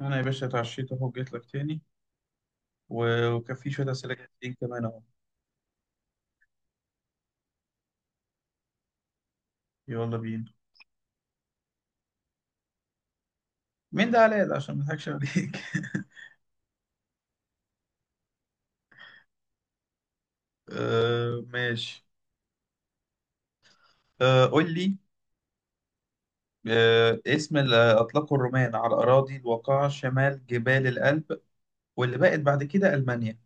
انا يا باشا اتعشيت اهو، جيت لك تاني. و- وكان في شويه اسئله جايين كمان اهو. يلا بينا. مين ده علاء ده عشان ما اضحكش عليك. آه، ماشي. آه، قول لي. آه، اسم اللي اطلقه الرومان على الاراضي الواقعه شمال جبال الألب، واللي بقت بعد كده المانيا؟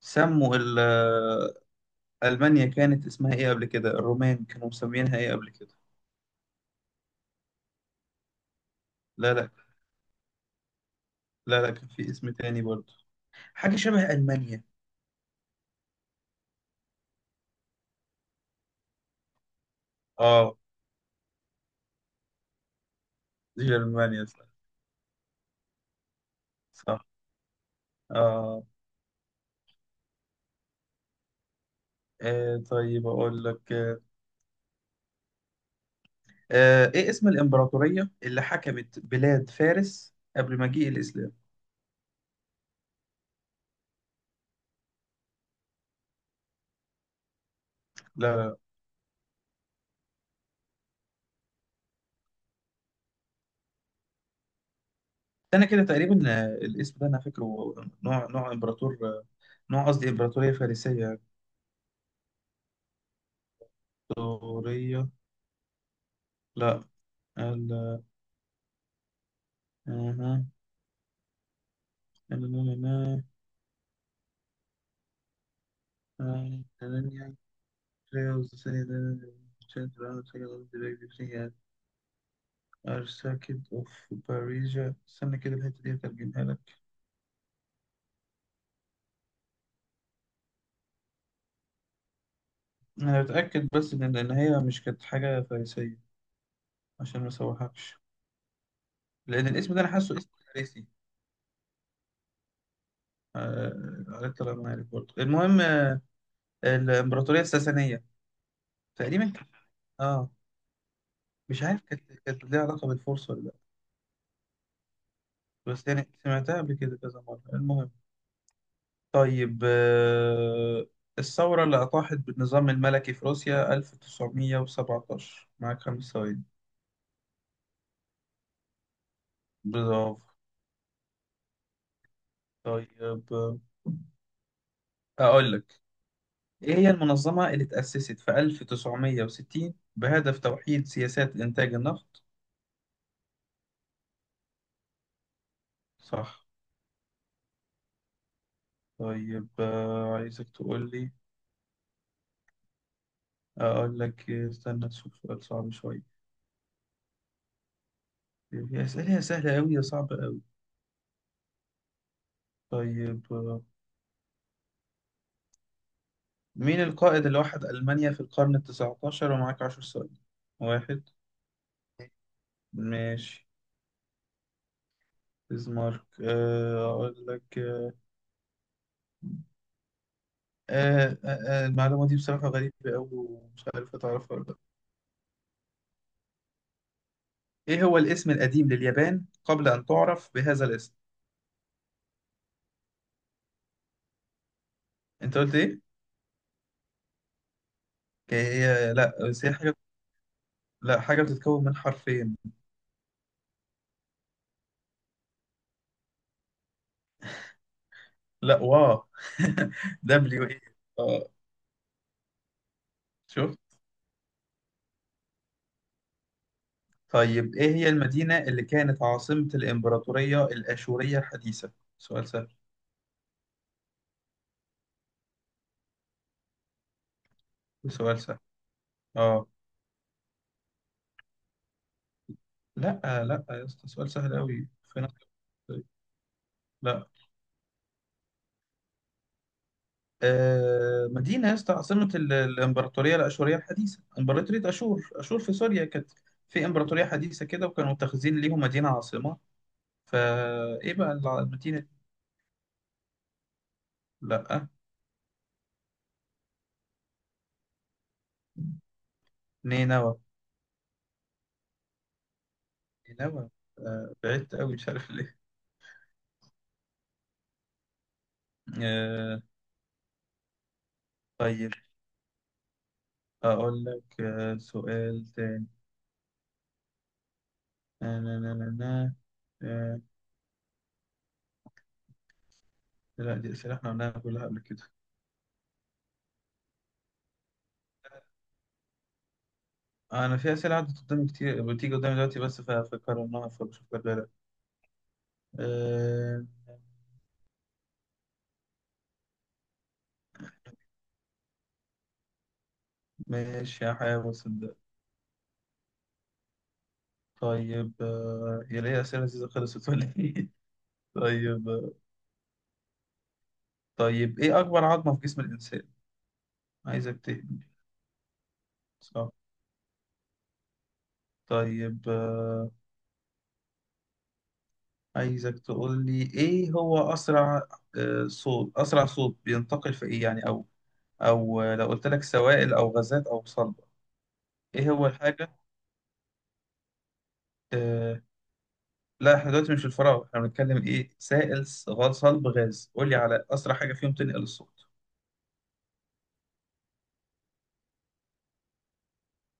سموا ال- آه، المانيا كانت اسمها ايه قبل كده؟ الرومان كانوا مسمينها ايه قبل كده؟ لا، لا، لا، لا، كان في اسم تاني برضه، حاجه شبه المانيا. اه، جرمانيا صح. صح. اه. طيب أقول لك. آه إيه اسم الإمبراطورية اللي حكمت بلاد فارس قبل مجيء الإسلام؟ لا، لا. أنا كده تقريبا، الاسم ده أنا فاكره. نوع إمبراطور، نوع، قصدي إمبراطورية فارسية. إمبراطورية. لا. ال- أها. Archduke of Bavaria، استنى كده الحتة دي هترجمها لك. انا بتاكد بس ان هي مش كانت حاجه فارسيه، عشان ما اسوحكش، لان الاسم ده انا حاسه اسم فارسي. عليه الطلاق ما عارف برضه المهم. الامبراطوريه الساسانيه تقريبا اه. مش عارف كانت ليها علاقه بالفرس ولا لا، بس يعني سمعتها قبل كده كذا مره، المهم. طيب، الثوره اللي اطاحت بالنظام الملكي في روسيا 1917، معاك 5 ثواني. برافو. طيب، اقول لك، إيه هي المنظمة اللي تأسست في 1960 بهدف توحيد سياسات إنتاج النفط؟ صح. طيب، عايزك تقول لي، أقول لك، استنى أشوف سؤال صعب شوية. هي أسئلة سهلة أوي يا صعبة أوي. طيب، مين القائد اللي وحد ألمانيا في القرن التسعتاشر؟ ومعاك 10 ثواني. واحد. ماشي، بيسمارك. أقول لك، المعلومة دي بصراحة غريبة أوي ومش عارف أتعرفها. إيه هو الاسم القديم لليابان قبل أن تعرف بهذا الاسم؟ أنت قلت إيه؟ لا بس هي حاجة، لا، حاجة بتتكون من حرفين. لا، واو. دبليو إيه. آه. شوف. طيب، إيه هي المدينة اللي كانت عاصمة الإمبراطورية الأشورية الحديثة؟ سؤال سهل. سؤال سهل. آه. لا لا يا اسطى، سؤال سهل أوي. فين. لا. مدينة يا اسطى، عاصمة الإمبراطورية الأشورية الحديثة، إمبراطورية أشور في سوريا كانت، في إمبراطورية حديثة كده وكانوا متخذين ليهم مدينة عاصمة، فإيه بقى المدينة دي؟ لأ. نينوى. نينوى. بعدت أوي مش عارف ليه. آه، طيب، أقول لك، سؤال تاني. نا- نا- نا- نا- نا. آه، لا، دي أسئلة إحنا قلناها كلها قبل كده. أنا في أسئلة عدت قدامي كتير بتيجي قدامي دلوقتي بس فكرناها، فبشوف لك غيرها. ماشي، هحاول صدق. طيب، هي ليه أسئلة لذيذة خلصت ولا إيه؟ طيب. طيب، إيه أكبر عظمة في جسم الإنسان؟ عايزك تهبل. صح. طيب، عايزك تقول لي إيه هو أسرع، صوت، أسرع صوت بينتقل في إيه يعني؟ أو، أو لو قلت لك سوائل أو غازات أو صلبة. إيه هو الحاجة؟ آه، لا، إحنا دلوقتي مش في الفراغ، إحنا بنتكلم إيه، سائل غاز صلب غاز، قول لي على أسرع حاجة فيهم تنقل الصوت.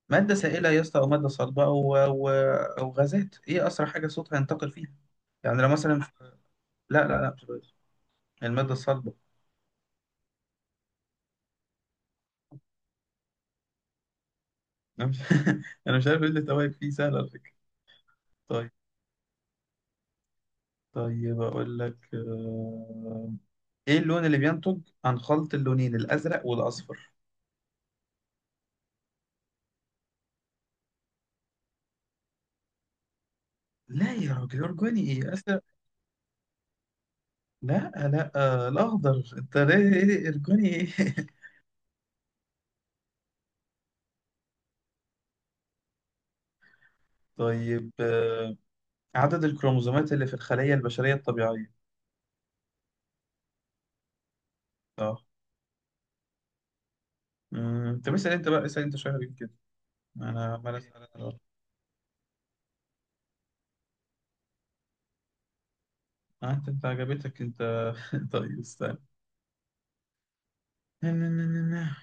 مادة سائلة يا اسطى أو مادة صلبة، أو أو غازات، إيه أسرع حاجة صوتها ينتقل فيها؟ يعني لو مثلا، لا لا لا مش بلاش، المادة الصلبة. أنا مش، أنا مش عارف إيه اللي توائم فيه سهل على فكرة. طيب. طيب، أقول لك، إيه اللون اللي بينتج عن خلط اللونين الأزرق والأصفر؟ لا يا راجل، أرجوني إيه، أزرق؟ لا، لا، الأخضر، أنت ليه، إيه أرجوني إيه؟ طيب، عدد الكروموسومات اللي في الخلية البشرية الطبيعية؟ آه. مم. طب اسال انت بقى، اسال انت شويه حبيبي كده، انا عمال اسال انا بقى. انت عجبتك انت. طيب استنى.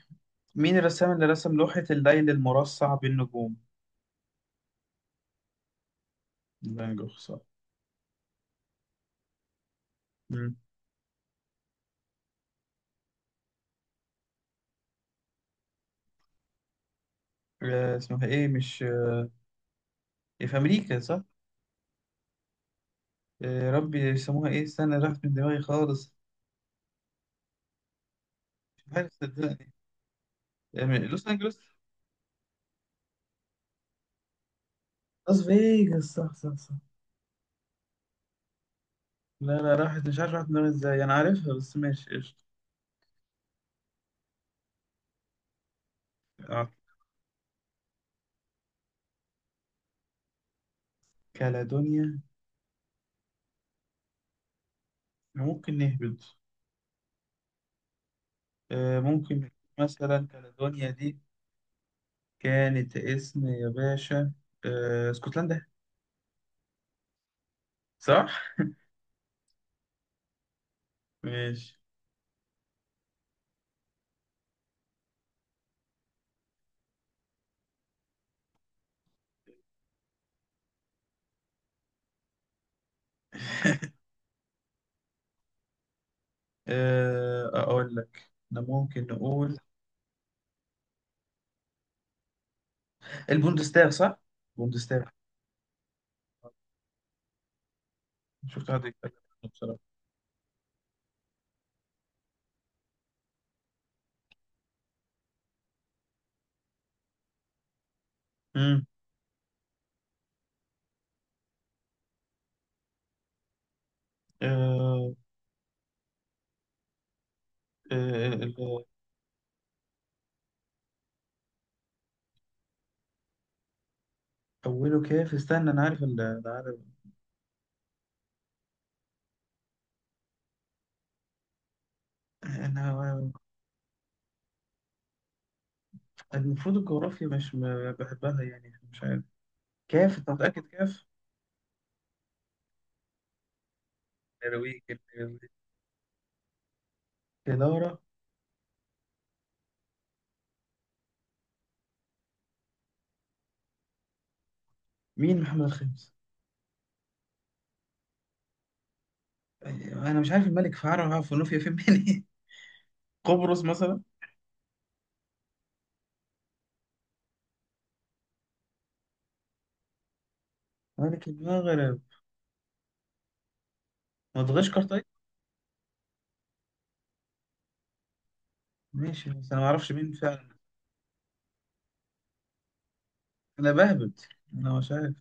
مين الرسام اللي رسم لوحة الليل المرصع بالنجوم؟ فان جوخ صح. مم. اسمها ايه مش، في امريكا صح؟ ربي يسموها ايه، استنى راحت من دماغي خالص. مش عارف صدقني. من لوس انجلوس، لاس فيجاس، صح صح صح. لا، لا، راحت، مش عارف راحت من دماغي ازاي، انا عارفها بس ماشي، قشطة. اه، كالادونيا. ممكن نهبط. ممكن، مثلا كاليدونيا دي كانت اسم يا باشا، اسكتلندا. صح؟ ماشي. أقول لك إحنا ممكن نقول البوندستاغ صح؟ البوندستاغ. شفت حد يتكلم عنه بصراحة. مم. آه، آه، ال- أوله كيف، استنى، أنا عارف. أنا، المفروض الجغرافيا مش بحبها يعني، مش عارف. كيف، أنت متأكد كيف؟ نرويج. النرويج. كدارة. مين محمد الخامس؟ انا مش عارف الملك فعرة في نوفيا فين منين. قبرص مثلا؟ ملك المغرب. مدغشقر طيب. ماشي بس انا ما اعرفش مين فعلا. انا بهبت، انا مش عارف.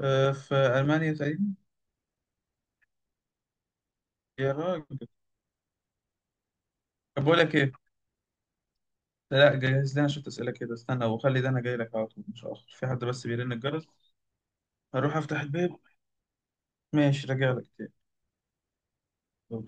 أه، في المانيا تقريبا. يا راجل. طب بقول لك ايه، لا جهز لنا شويه اسئله كده، استنى وخلي ده انا جاي لك على طول، مش هاخر في حد بس بيرن الجرس، هروح افتح الباب. ماشي راجع لك تاني.